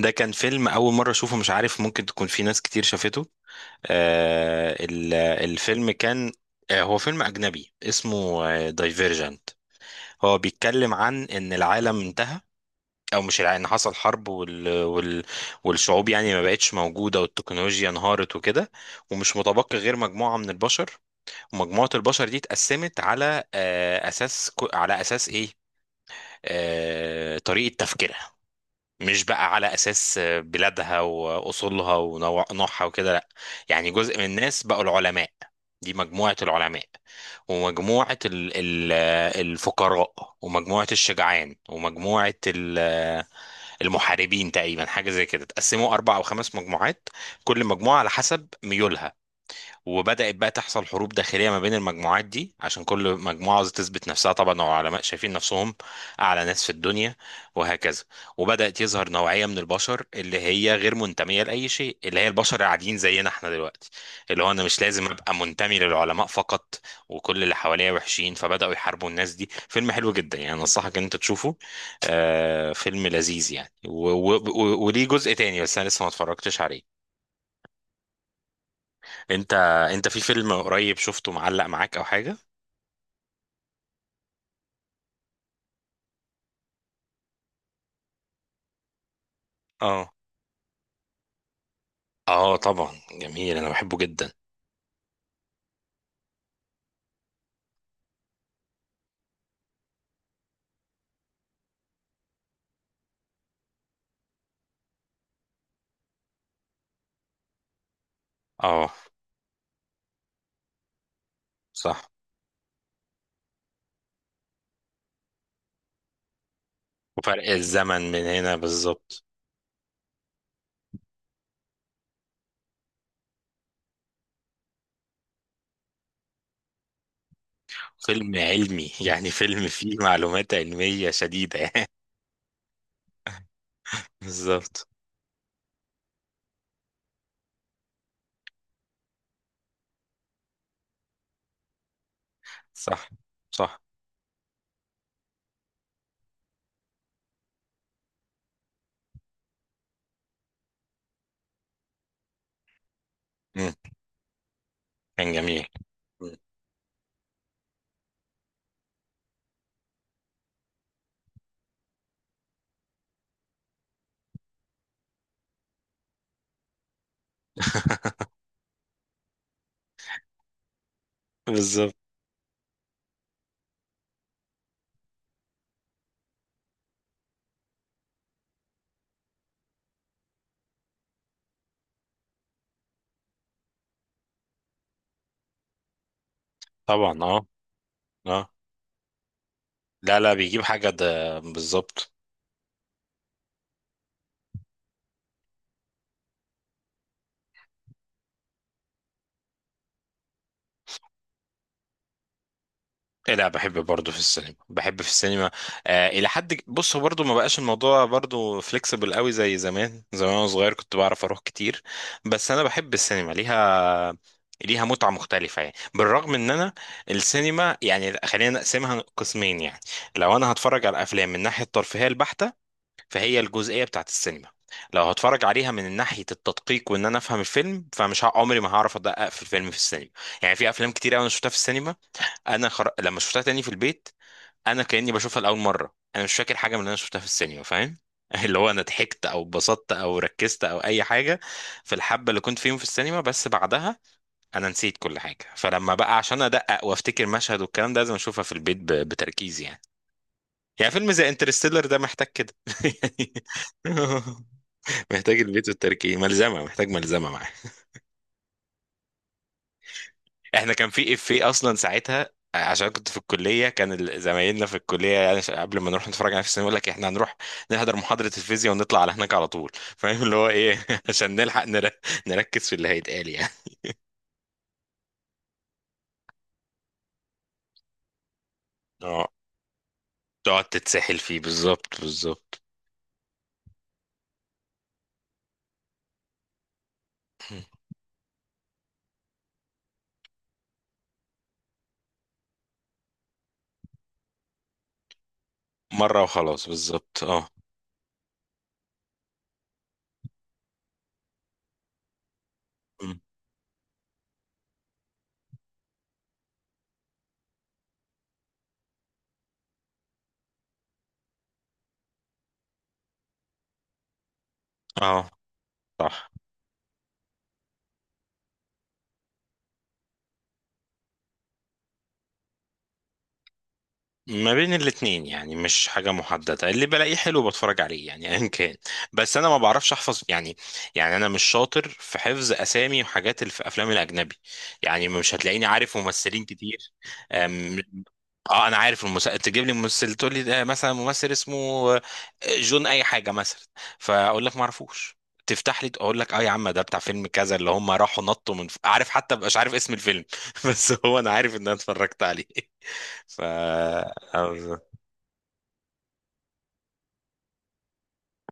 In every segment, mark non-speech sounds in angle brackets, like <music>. ده كان فيلم أول مرة أشوفه، مش عارف ممكن تكون في ناس كتير شافته. الفيلم كان، هو فيلم أجنبي اسمه دايفيرجنت. هو بيتكلم عن إن العالم انتهى، أو مش إن حصل حرب والشعوب يعني ما بقتش موجودة، والتكنولوجيا انهارت وكده. ومش متبقي غير مجموعة من البشر، ومجموعة البشر دي اتقسمت على أساس، على أساس إيه؟ طريقة تفكيرها، مش بقى على أساس بلادها وأصولها ونوعها وكده، لأ. يعني جزء من الناس بقوا العلماء، دي مجموعة العلماء، ومجموعة ال ال الفقراء، ومجموعة الشجعان، ومجموعة المحاربين تقريبا، حاجة زي كده. تقسموا أربع أو خمس مجموعات، كل مجموعة على حسب ميولها. وبدأت بقى تحصل حروب داخلية ما بين المجموعات دي، عشان كل مجموعة عاوزة تثبت نفسها طبعا، وعلماء شايفين نفسهم أعلى ناس في الدنيا وهكذا. وبدأت يظهر نوعية من البشر اللي هي غير منتمية لأي شيء، اللي هي البشر العاديين زينا احنا دلوقتي، اللي هو أنا مش لازم أبقى منتمي للعلماء فقط، وكل اللي حواليا وحشين، فبدأوا يحاربوا الناس دي. فيلم حلو جدا يعني، أنصحك إن أنت تشوفه. فيلم لذيذ يعني، وليه جزء تاني، بس أنا لسه ما اتفرجتش عليه. انت انت في فيلم قريب شفته معلق معاك او حاجه؟ اه. اه طبعا، جميل، انا بحبه جدا. اه صح، وفرق الزمن من هنا بالظبط. فيلم علمي يعني، فيلم فيه معلومات علميه شديده <laughs> بالظبط. صح صح. مم. كان جميل. <laughs> مم. بالظبط. طبعا اه. اه. لا لا، بيجيب حاجه ده بالظبط. إيه، لا بحب برضه في السينما، بحب في السينما. الى حد بص، هو برضه ما بقاش الموضوع برضه فليكسبل قوي زي زمان. زمان وانا صغير كنت بعرف اروح كتير، بس انا بحب السينما، ليها متعة مختلفة، يعني بالرغم ان انا السينما يعني خلينا نقسمها قسمين يعني. لو انا هتفرج على افلام من ناحية الترفيهية البحتة، فهي الجزئية بتاعت السينما. لو هتفرج عليها من ناحية التدقيق، وان انا افهم الفيلم، فمش عمري ما هعرف ادقق في الفيلم في السينما. يعني في افلام كتير قوي انا شفتها في السينما، انا لما شفتها تاني في البيت انا كاني بشوفها لاول مره، انا مش فاكر حاجه من اللي انا شفتها في السينما، فاهم؟ <laughs> اللي هو انا ضحكت او اتبسطت او ركزت او اي حاجه في الحبه اللي كنت فيهم في السينما، بس بعدها انا نسيت كل حاجه. فلما بقى عشان ادقق وافتكر مشهد والكلام ده لازم اشوفها في البيت بتركيز يعني. يعني فيلم زي انترستيلر ده محتاج كده <laughs> يعني. <laughs> محتاج البيت والتركيز، ملزمه، محتاج ملزمه معاه. احنا كان في افيه اصلا ساعتها، عشان كنت في الكليه، كان زمايلنا في الكليه يعني قبل ما نروح نتفرج على في السينما يقول لك احنا هنروح نحضر محاضره الفيزياء ونطلع على هناك على طول، فاهم اللي هو ايه <laughs> عشان نلحق نركز في اللي هيتقال يعني. اه، تقعد تتسحل فيه، بالظبط بالظبط. مره وخلاص، بالظبط اه. م. اه صح. ما بين الاتنين، يعني مش حاجة محددة، اللي بلاقيه حلو بتفرج عليه يعني <laughs> ايا كان. بس انا ما بعرفش احفظ يعني، يعني انا مش شاطر في حفظ اسامي وحاجات اللي في افلام الاجنبي، يعني مش هتلاقيني عارف ممثلين كتير. أم، اه انا عارف المسلسل تجيب لي ممثل تقول لي ده مثلا ممثل اسمه آه، جون اي حاجة مثلا، فاقول لك ما اعرفوش، تفتح لي اقول لك اه يا عم، ده بتاع فيلم كذا اللي هم راحوا نطوا من عارف، حتى مبقاش عارف اسم الفيلم. <laughs> بس هو انا عارف ان انا اتفرجت عليه. ف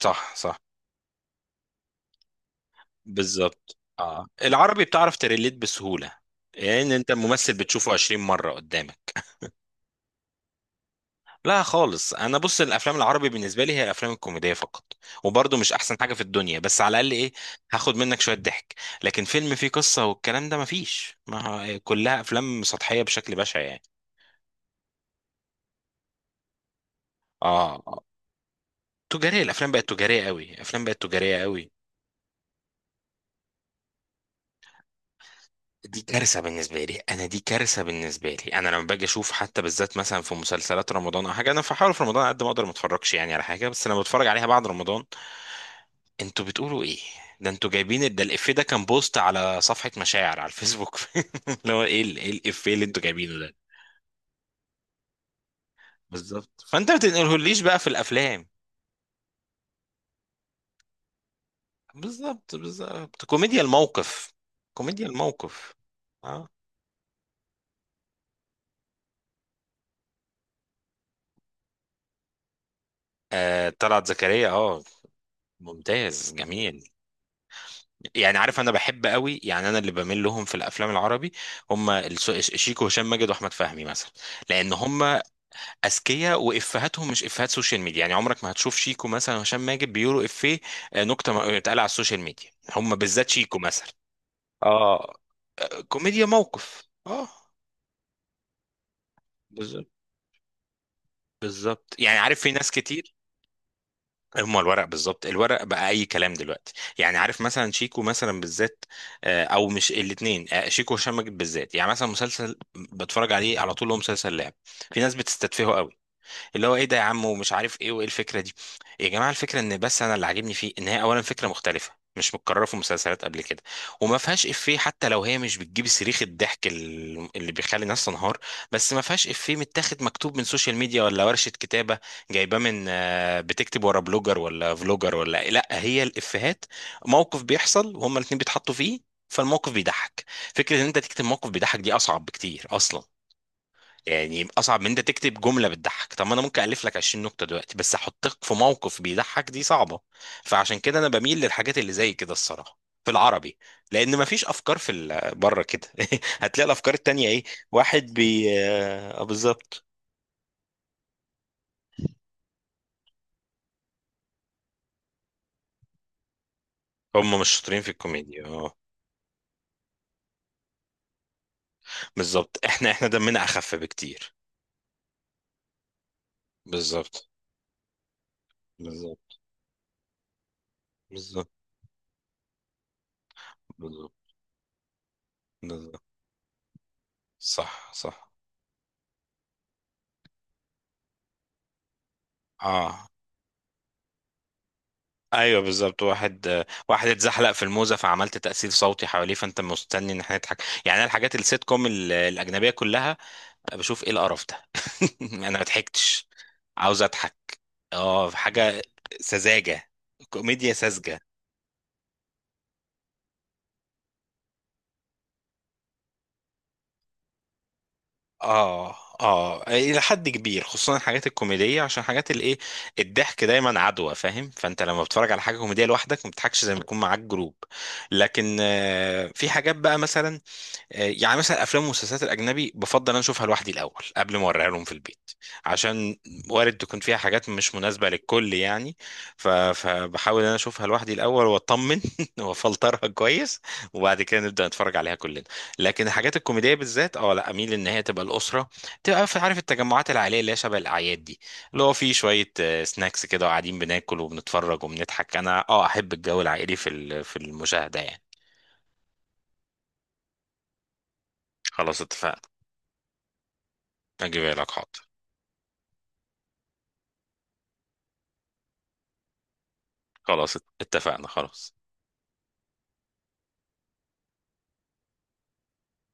صح صح، بالظبط اه. العربي بتعرف تريليت بسهولة، يعني انت الممثل بتشوفه 20 مرة قدامك. لا خالص، انا بص الافلام العربي بالنسبة لي هي الافلام الكوميدية فقط، وبرضه مش احسن حاجة في الدنيا، بس على الاقل ايه، هاخد منك شوية ضحك. لكن فيلم فيه قصة والكلام ده مفيش، ما هو كلها افلام سطحية بشكل بشع يعني. اه آه. تجارية، الافلام بقت تجارية قوي، الافلام بقت تجارية قوي. دي كارثة بالنسبة لي أنا، دي كارثة بالنسبة لي أنا، لما باجي أشوف حتى بالذات مثلا في مسلسلات رمضان أو حاجة، أنا بحاول في رمضان على قد ما أقدر ما أتفرجش يعني على حاجة، بس لما بتفرج عليها بعد رمضان أنتوا بتقولوا إيه؟ ده أنتوا جايبين، ده الإفيه ده كان بوست على صفحة مشاعر على الفيسبوك. <laughs> اللي هو إيه إيه الإفيه اللي أنتوا جايبينه ده؟ بالظبط، فأنت ما تنقلهوليش بقى في الأفلام. بالظبط بالظبط، كوميديا الموقف. كوميديا الموقف، أه. طلعت زكريا، أه. ممتاز، جميل. يعني عارف انا بحب قوي، يعني انا اللي بميل لهم في الافلام العربي هم شيكو، هشام ماجد واحمد فهمي مثلا، لان هم اذكياء، وافهاتهم مش افهات سوشيال ميديا، يعني عمرك ما هتشوف شيكو مثلا وهشام ماجد بيقولوا افيه نكته اتقال على السوشيال ميديا. هم بالذات شيكو مثلا. اه، كوميديا موقف اه. بالظبط بالظبط، يعني عارف في ناس كتير، هما الورق بالظبط، الورق بقى اي كلام دلوقتي. يعني عارف مثلا شيكو مثلا بالذات، او مش الاثنين، شيكو وهشام ماجد بالذات، يعني مثلا مسلسل بتفرج عليه على طول هو مسلسل لعب، في ناس بتستتفهه قوي، اللي هو ايه ده يا عم ومش عارف ايه وايه الفكره دي. يا جماعه الفكره ان بس انا اللي عاجبني فيه ان هي اولا فكره مختلفه مش متكرره في مسلسلات قبل كده، وما فيهاش افيه، حتى لو هي مش بتجيب صريخ الضحك اللي بيخلي الناس تنهار، بس ما فيهاش افيه متاخد مكتوب من سوشيال ميديا، ولا ورشه كتابه جايباه من بتكتب ورا بلوجر ولا فلوجر ولا إيه. لا، هي الافيهات موقف بيحصل وهما الاتنين بيتحطوا فيه، فالموقف بيضحك. فكره ان انت تكتب موقف بيضحك دي اصعب بكتير اصلا، يعني اصعب من انت تكتب جمله بتضحك. طب ما انا ممكن الف لك 20 نكته دلوقتي، بس احطك في موقف بيضحك دي صعبه. فعشان كده انا بميل للحاجات اللي زي كده، الصراحه في العربي، لان مفيش افكار في بره كده. <laughs> هتلاقي الافكار التانية ايه؟ واحد بي بالظبط. هم مش شاطرين في الكوميديا اه. بالظبط، احنا دمنا اخف بكتير. بالظبط بالظبط بالظبط بالظبط بالظبط. صح صح اه. ايوه بالظبط، واحد واحد اتزحلق في الموزه فعملت تاثير صوتي حواليه، فانت مستني ان احنا نضحك. يعني انا الحاجات السيت كوم الاجنبيه كلها بشوف ايه القرف ده. <laughs> انا ما ضحكتش، عاوز اضحك. اه حاجه، سذاجه، كوميديا ساذجه. اه. اه الى حد كبير، خصوصا الحاجات الكوميديه، عشان حاجات الايه الضحك دايما عدوى فاهم. فانت لما بتتفرج على حاجه كوميديه لوحدك ما بتضحكش زي ما يكون معاك جروب. لكن في حاجات بقى مثلا، يعني مثلا افلام ومسلسلات الاجنبي بفضل انا اشوفها لوحدي الاول قبل ما اوريها لهم في البيت، عشان وارد تكون فيها حاجات مش مناسبه للكل يعني. فبحاول انا اشوفها لوحدي الاول واطمن، <laughs> وافلترها كويس، وبعد كده نبدا نتفرج عليها كلنا. لكن الحاجات الكوميديه بالذات، اه لا، اميل ان هي تبقى الاسره، تبقى في عارف التجمعات العائليه اللي هي شبه الاعياد دي، اللي هو في شويه سناكس كده، وقاعدين بناكل وبنتفرج وبنضحك، انا اه احب الجو العائلي في في المشاهده يعني. خلاص اتفقنا، اجيبها لك حاضر. خلاص اتفقنا خلاص.